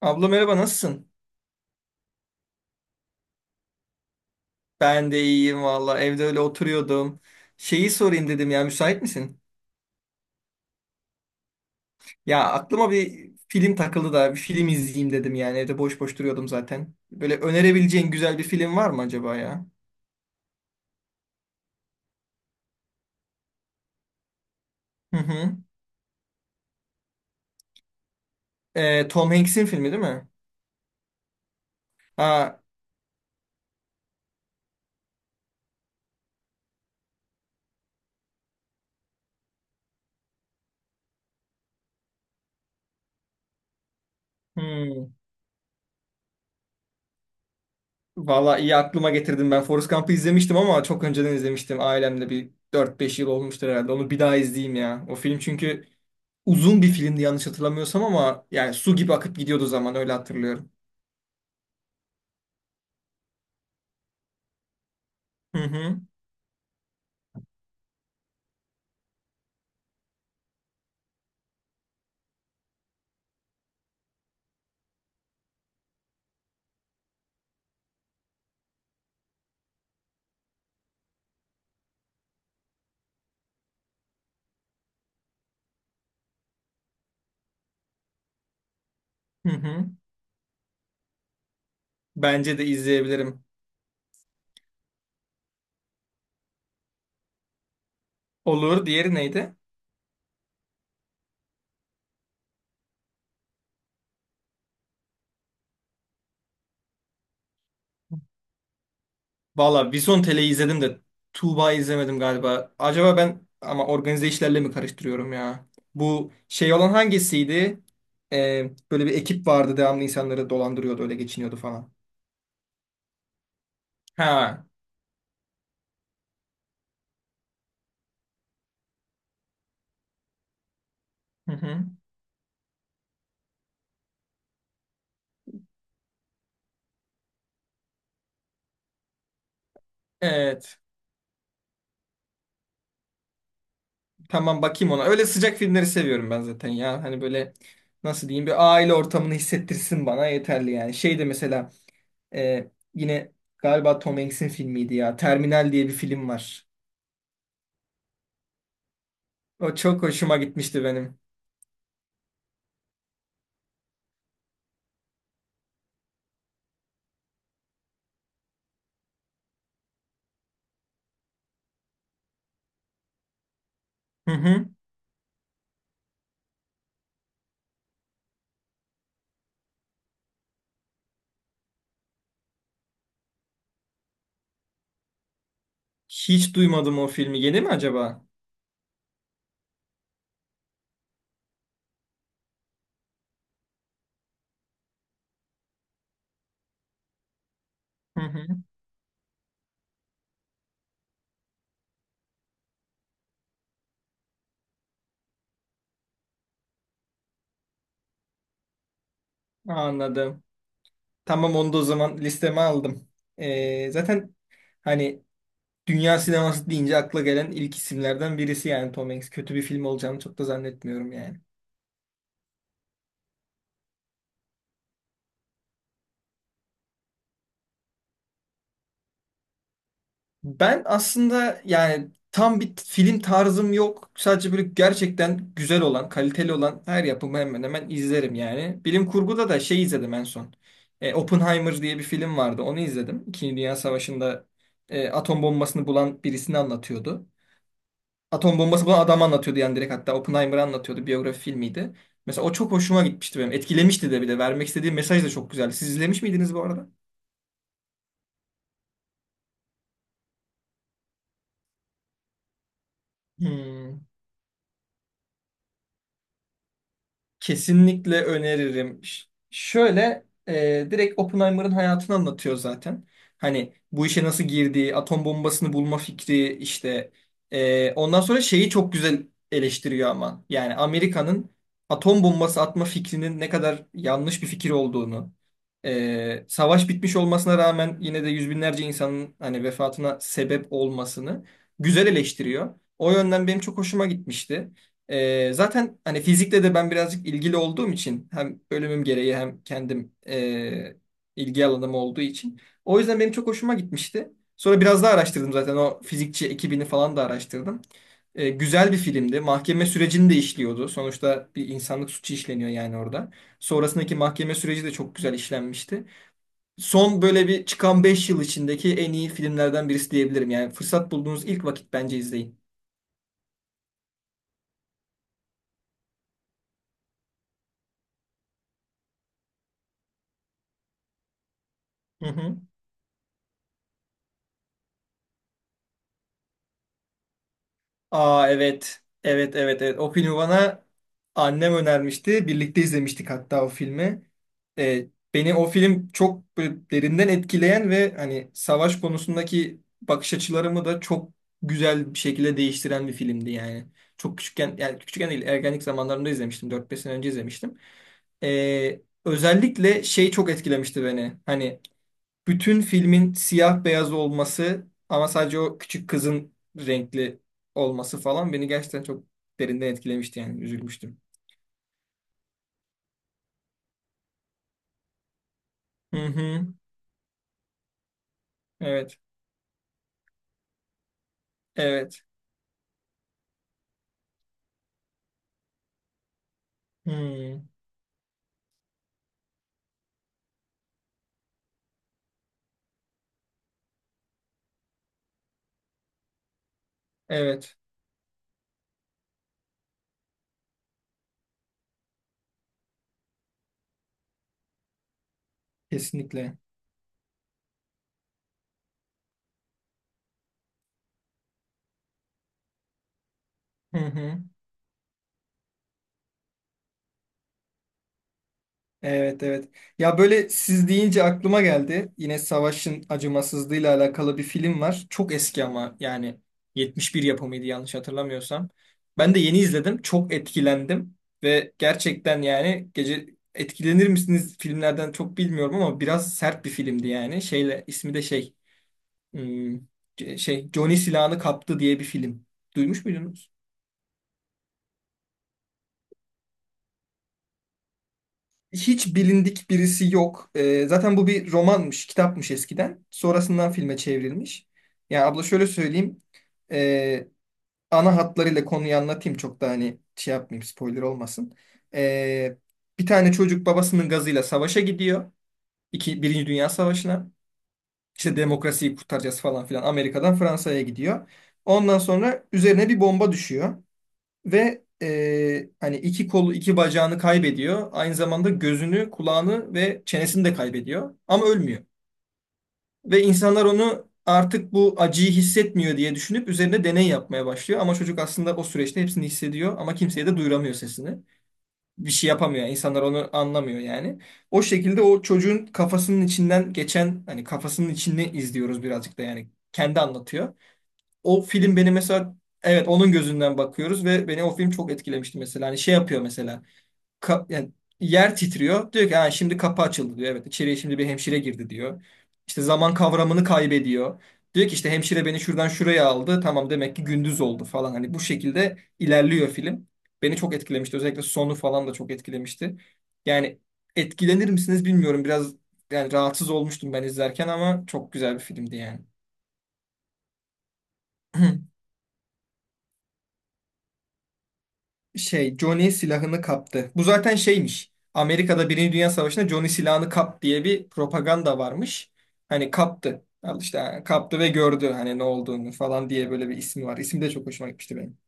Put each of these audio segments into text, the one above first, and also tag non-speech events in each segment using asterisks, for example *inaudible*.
Abla, merhaba, nasılsın? Ben de iyiyim valla, evde öyle oturuyordum. Şeyi sorayım dedim ya, müsait misin? Ya, aklıma bir film takıldı da bir film izleyeyim dedim, yani evde boş boş duruyordum zaten. Böyle önerebileceğin güzel bir film var mı acaba ya? Hı hı. Tom Hanks'in filmi değil mi? Ha, hmm. Valla, iyi aklıma getirdim, ben Forrest Gump'ı izlemiştim ama çok önceden izlemiştim ailemle, bir dört beş yıl olmuştur herhalde, onu bir daha izleyeyim ya. O film çünkü uzun bir filmdi yanlış hatırlamıyorsam, ama yani su gibi akıp gidiyordu zaman, öyle hatırlıyorum. Hı hı, hı hı. Bence de izleyebilirim. Olur. Diğeri neydi? Valla, Vizontele'yi izledim de Tuğba'yı izlemedim galiba. Acaba ben ama organize işlerle mi karıştırıyorum ya? Bu şey olan hangisiydi? Böyle bir ekip vardı, devamlı insanları dolandırıyordu, öyle geçiniyordu falan. Ha. Hı hı. Evet. Tamam, bakayım ona. Öyle sıcak filmleri seviyorum ben zaten ya. Hani böyle, nasıl diyeyim, bir aile ortamını hissettirsin bana, yeterli yani. Şey de mesela yine galiba Tom Hanks'in filmiydi ya. Terminal diye bir film var. O çok hoşuma gitmişti benim. Hı hı. Hiç duymadım o filmi. Yeni mi acaba? Hı hı. Anladım. Tamam, onu da o zaman listeme aldım. Zaten hani dünya sineması deyince akla gelen ilk isimlerden birisi yani Tom Hanks. Kötü bir film olacağını çok da zannetmiyorum yani. Ben aslında yani tam bir film tarzım yok. Sadece böyle gerçekten güzel olan, kaliteli olan her yapımı hemen hemen izlerim yani. Bilim kurguda da şey izledim en son. Oppenheimer diye bir film vardı. Onu izledim. İkinci Dünya Savaşı'nda atom bombasını bulan birisini anlatıyordu. Atom bombası bulan adamı anlatıyordu yani, direkt hatta Oppenheimer'ı anlatıyordu. Biyografi filmiydi. Mesela o çok hoşuma gitmişti benim. Etkilemişti de bir de. Vermek istediği mesaj da çok güzeldi. Siz izlemiş miydiniz bu arada? Hmm. Kesinlikle öneririm. Şöyle direkt Oppenheimer'ın hayatını anlatıyor zaten. Hani bu işe nasıl girdiği, atom bombasını bulma fikri işte. Ondan sonra şeyi çok güzel eleştiriyor ama. Yani Amerika'nın atom bombası atma fikrinin ne kadar yanlış bir fikir olduğunu, savaş bitmiş olmasına rağmen yine de yüz binlerce insanın hani vefatına sebep olmasını güzel eleştiriyor. O yönden benim çok hoşuma gitmişti. Zaten hani fizikle de ben birazcık ilgili olduğum için, hem bölümüm gereği hem kendim ilgi alanım olduğu için. O yüzden benim çok hoşuma gitmişti. Sonra biraz daha araştırdım, zaten o fizikçi ekibini falan da araştırdım. Güzel bir filmdi. Mahkeme sürecini de işliyordu. Sonuçta bir insanlık suçu işleniyor yani orada. Sonrasındaki mahkeme süreci de çok güzel işlenmişti. Son böyle bir çıkan 5 yıl içindeki en iyi filmlerden birisi diyebilirim. Yani fırsat bulduğunuz ilk vakit bence izleyin. Hı hı. Aa, evet. Evet, evet, evet. O filmi bana annem önermişti. Birlikte izlemiştik hatta o filmi. Ee, Beni o film çok böyle derinden etkileyen ve hani savaş konusundaki bakış açılarımı da çok güzel bir şekilde değiştiren bir filmdi yani. Çok küçükken, yani küçükken değil, ergenlik zamanlarında izlemiştim. Dört beş sene önce izlemiştim. Özellikle şey çok etkilemişti beni. Hani bütün filmin siyah beyaz olması ama sadece o küçük kızın renkli olması falan beni gerçekten çok derinden etkilemişti, yani üzülmüştüm. Hı hı. Evet. Evet. Hı. Evet. Kesinlikle. Hı hı. Evet, evet. Ya böyle, siz deyince aklıma geldi. Yine Savaş'ın acımasızlığıyla alakalı bir film var. Çok eski ama yani 71 yapımıydı yanlış hatırlamıyorsam. Ben de yeni izledim. Çok etkilendim ve gerçekten yani gece etkilenir misiniz filmlerden çok bilmiyorum ama biraz sert bir filmdi yani. Şeyle ismi de şey hmm, şey Johnny silahını kaptı diye bir film. Duymuş muydunuz? Hiç bilindik birisi yok. Zaten bu bir romanmış, kitapmış eskiden. Sonrasından filme çevrilmiş. Yani abla, şöyle söyleyeyim. Ee, Ana hatlarıyla konuyu anlatayım. Çok da hani şey yapmayayım, spoiler olmasın. Ee, Bir tane çocuk babasının gazıyla savaşa gidiyor. İki, Birinci Dünya Savaşı'na. İşte demokrasiyi kurtaracağız falan filan. Amerika'dan Fransa'ya gidiyor. Ondan sonra üzerine bir bomba düşüyor. Ve hani iki kolu, iki bacağını kaybediyor. Aynı zamanda gözünü, kulağını ve çenesini de kaybediyor. Ama ölmüyor. Ve insanlar onu artık bu acıyı hissetmiyor diye düşünüp üzerine deney yapmaya başlıyor. Ama çocuk aslında o süreçte hepsini hissediyor ama kimseye de duyuramıyor sesini. Bir şey yapamıyor yani. İnsanlar onu anlamıyor yani. O şekilde o çocuğun kafasının içinden geçen, hani kafasının içini izliyoruz birazcık da yani. Kendi anlatıyor o film beni mesela, evet onun gözünden bakıyoruz ve beni o film çok etkilemişti mesela. Hani şey yapıyor mesela, yani yer titriyor. Diyor ki, ha, şimdi kapı açıldı, diyor. Evet, içeriye şimdi bir hemşire girdi, diyor. İşte zaman kavramını kaybediyor. Diyor ki, işte hemşire beni şuradan şuraya aldı. Tamam, demek ki gündüz oldu falan. Hani bu şekilde ilerliyor film. Beni çok etkilemişti. Özellikle sonu falan da çok etkilemişti. Yani etkilenir misiniz bilmiyorum. Biraz yani rahatsız olmuştum ben izlerken ama çok güzel bir filmdi yani. *clears throat* Şey Johnny silahını kaptı. Bu zaten şeymiş. Amerika'da Birinci Dünya Savaşı'nda Johnny silahını kap diye bir propaganda varmış. Hani kaptı. Al işte, ha, kaptı ve gördü hani ne olduğunu falan diye böyle bir ismi var. İsim de çok hoşuma gitmişti benim.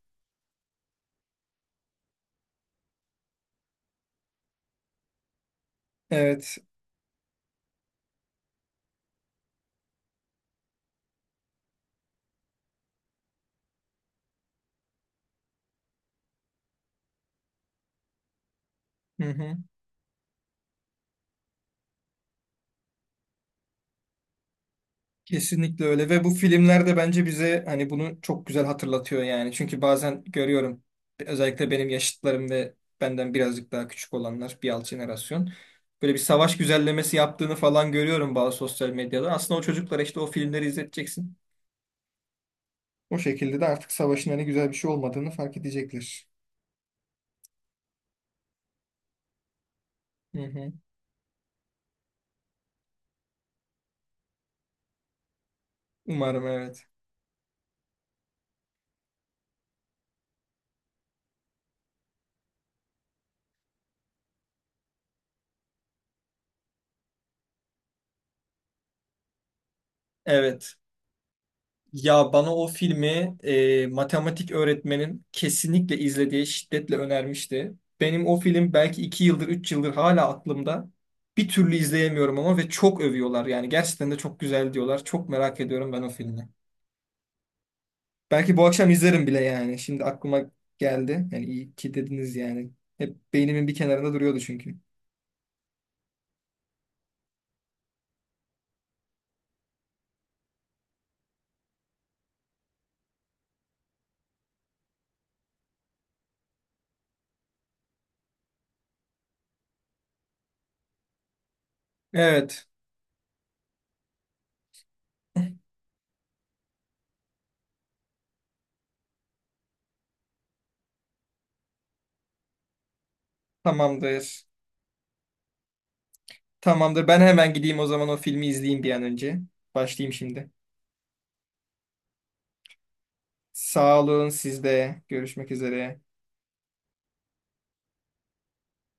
Evet. Hı hı. Kesinlikle öyle ve bu filmler de bence bize hani bunu çok güzel hatırlatıyor yani. Çünkü bazen görüyorum, özellikle benim yaşıtlarım ve benden birazcık daha küçük olanlar, bir alt jenerasyon, böyle bir savaş güzellemesi yaptığını falan görüyorum bazı sosyal medyada. Aslında o çocuklara işte o filmleri izleteceksin. O şekilde de artık savaşın hani güzel bir şey olmadığını fark edecekler. Hı hı. Umarım, evet. Evet. Ya bana o filmi matematik öğretmenim kesinlikle izle diye şiddetle önermişti. Benim o film belki 2 yıldır, 3 yıldır hala aklımda. Bir türlü izleyemiyorum ama ve çok övüyorlar yani, gerçekten de çok güzel diyorlar. Çok merak ediyorum ben o filmi. Belki bu akşam izlerim bile yani. Şimdi aklıma geldi. Yani iyi ki dediniz yani. Hep beynimin bir kenarında duruyordu çünkü. Evet, tamamdır. Tamamdır. Ben hemen gideyim o zaman, o filmi izleyeyim bir an önce. Başlayayım şimdi. Sağ olun siz de. Görüşmek üzere.